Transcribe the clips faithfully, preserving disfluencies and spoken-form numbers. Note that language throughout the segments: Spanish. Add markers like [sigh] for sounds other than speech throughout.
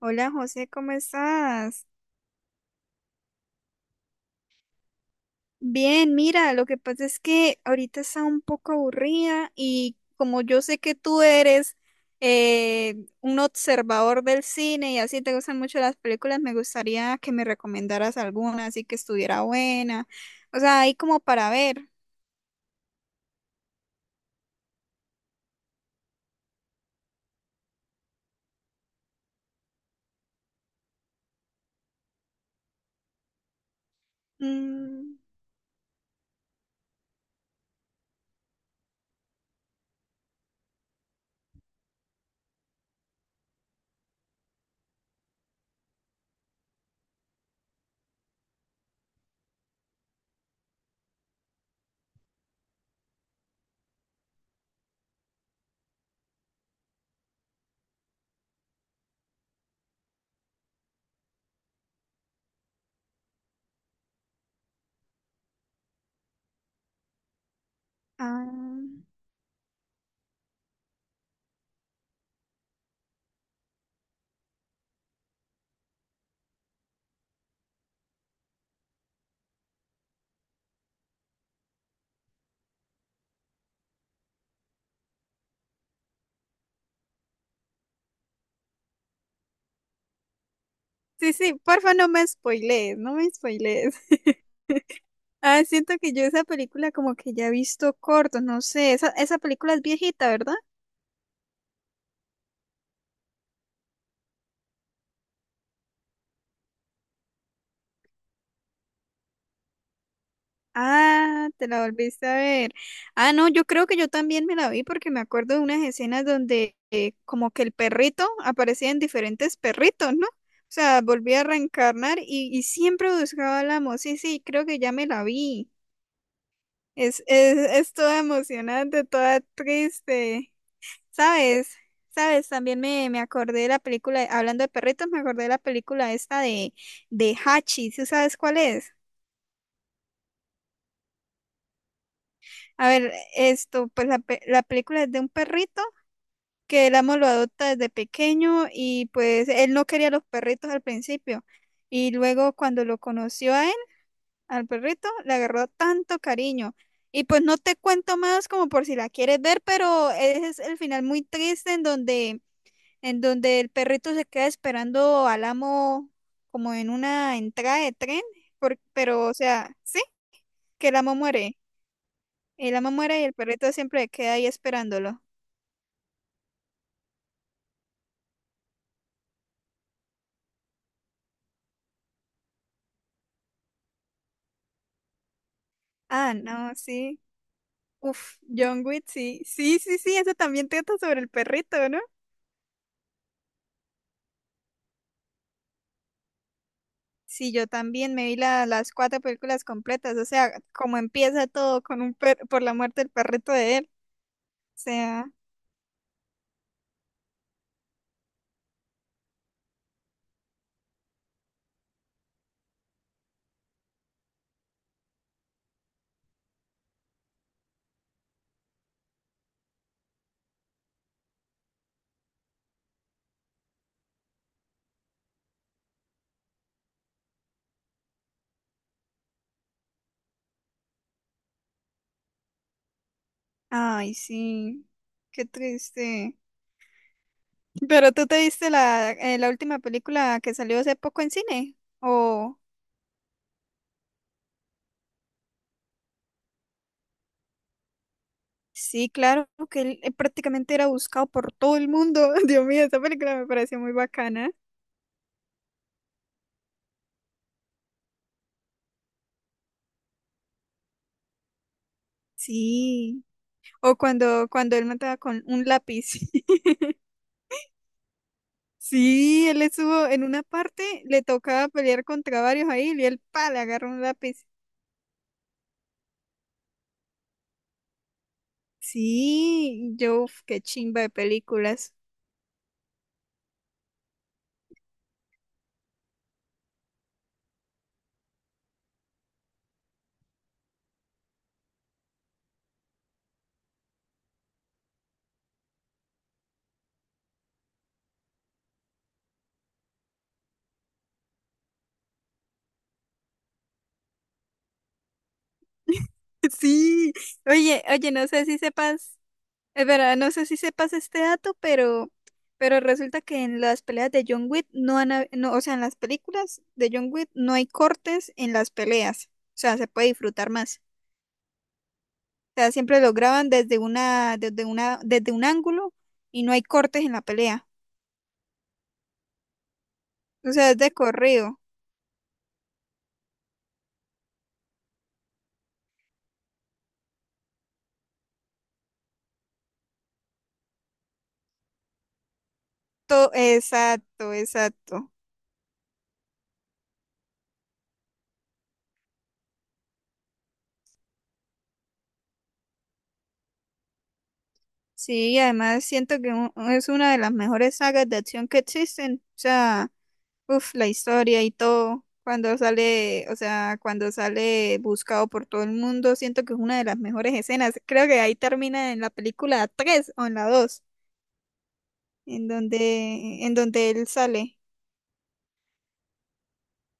Hola José, ¿cómo estás? Bien, mira, lo que pasa es que ahorita está un poco aburrida y como yo sé que tú eres eh, un observador del cine y así te gustan mucho las películas, me gustaría que me recomendaras alguna, así que estuviera buena, o sea, ahí como para ver. Mm, ah, sí, sí, porfa, no me spoilees, no me spoilees. [laughs] Ah, siento que yo esa película como que ya he visto cortos, no sé, esa, esa película es viejita, ¿verdad? Ah, te la volviste a ver. Ah, no, yo creo que yo también me la vi porque me acuerdo de unas escenas donde eh, como que el perrito aparecía en diferentes perritos, ¿no? O sea, volvía a reencarnar y, y siempre buscaba al amo. Sí, sí, creo que ya me la vi. Es, es, es toda emocionante, toda triste. ¿Sabes? ¿Sabes? También me, me acordé de la película, hablando de perritos, me acordé de la película esta de, de Hachi. ¿Sí sabes cuál es? A ver, esto, pues la, pe- la película es de un perrito que el amo lo adopta desde pequeño y pues él no quería los perritos al principio. Y luego cuando lo conoció a él, al perrito, le agarró tanto cariño. Y pues no te cuento más como por si la quieres ver, pero ese es el final muy triste en donde, en donde el perrito se queda esperando al amo como en una entrada de tren, por- pero o sea, sí, que el amo muere. El amo muere y el perrito siempre queda ahí esperándolo. Ah, no, sí. Uf, John Wick, sí. Sí, sí, sí, eso también trata sobre el perrito, ¿no? Sí, yo también me vi la- las cuatro películas completas, o sea, como empieza todo con un per por la muerte del perrito de él. O sea, ay, sí, qué triste. Pero tú te viste la, eh, la última película que salió hace poco en cine, o… Sí, claro, que él eh, prácticamente era buscado por todo el mundo. [laughs] Dios mío, esa película me pareció muy bacana. Sí. O cuando, cuando él mataba con un lápiz. [laughs] Sí, él estuvo en una parte, le tocaba pelear contra varios ahí y él, pa, le agarró un lápiz. Sí, yo, uf, qué chimba de películas. [laughs] Sí, oye, oye, no sé si sepas, es verdad, no sé si sepas este dato, pero, pero resulta que en las peleas de John Wick no han, hab- no, o sea, en las películas de John Wick no hay cortes en las peleas, o sea, se puede disfrutar más. Sea, siempre lo graban desde una, desde una, desde un ángulo y no hay cortes en la pelea. O sea, es de corrido. To- exacto, exacto. Sí, y además siento que u- es una de las mejores sagas de acción que existen. O sea, uff, la historia y todo. Cuando sale, o sea, cuando sale buscado por todo el mundo, siento que es una de las mejores escenas. Creo que ahí termina en la película tres o en la dos en donde, en donde él sale.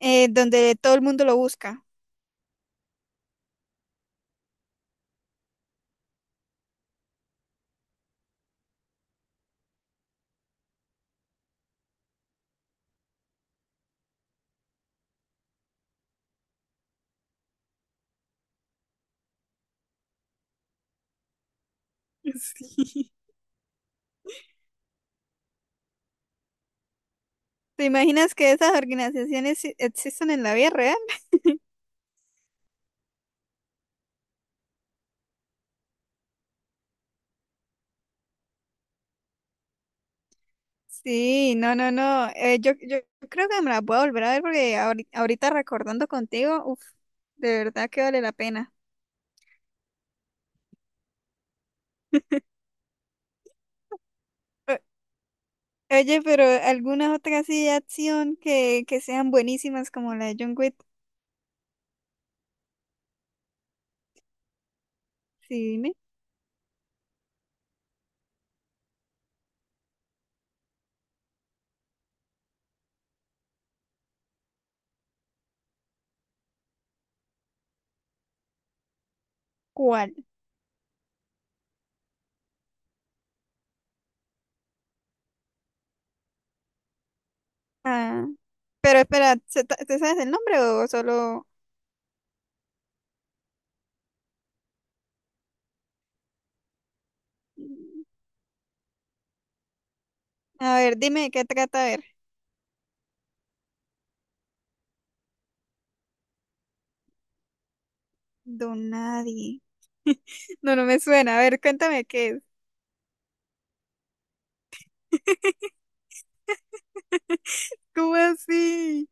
Eh, donde todo el mundo lo busca. Sí. ¿Te imaginas que esas organizaciones e- existen en la vida real? Sí, no, no, no. eh, yo, yo creo que me las voy a volver a ver porque ahori- ahorita recordando contigo, uf, de verdad que vale la pena. [laughs] O- oye, pero algunas otras así de acción que, que sean buenísimas como la de John Wick, sí, dime. ¿Cuál? Ah. Pero espera, ¿se ta- ¿te sabes el nombre o solo…? A ver, dime de qué trata, a ver. Donadi. No, no me suena. A ver, cuéntame qué es. [laughs] ¿Cómo así?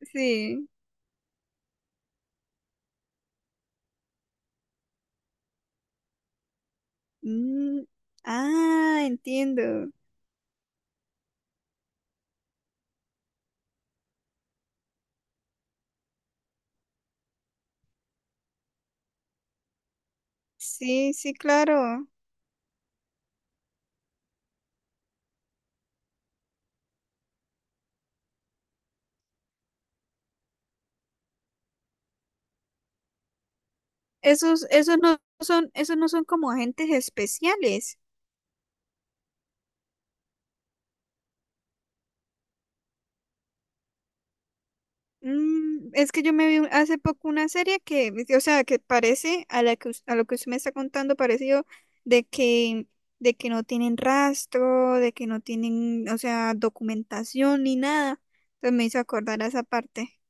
Sí. Mm, ah, entiendo. Sí, sí, claro. Esos, esos no son, esos no son como agentes especiales. Mm, es que yo me vi un- hace poco una serie que, o sea, que parece a la que us- a lo que usted me está contando parecido de que de que no tienen rastro, de que no tienen, o sea, documentación ni nada. Entonces me hizo acordar a esa parte.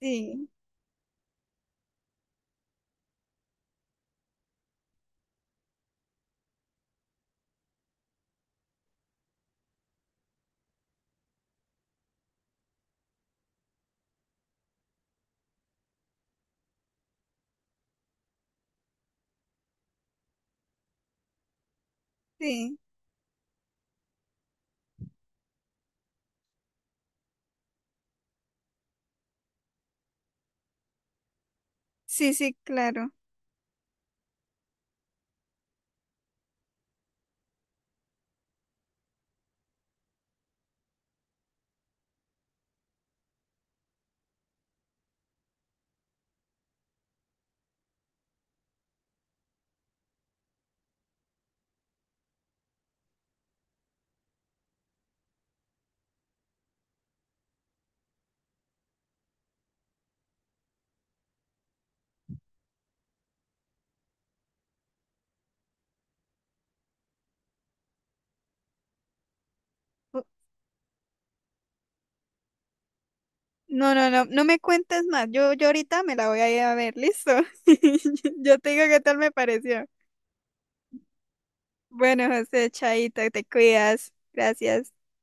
Sí, sí, sí, sí, claro. O- no, no, no, no me cuentes más. Yo, yo ahorita me la voy a ir a ver, ¿listo? [laughs] Yo te digo qué tal me pareció. Bueno, José, Chaita, te cuidas. Gracias.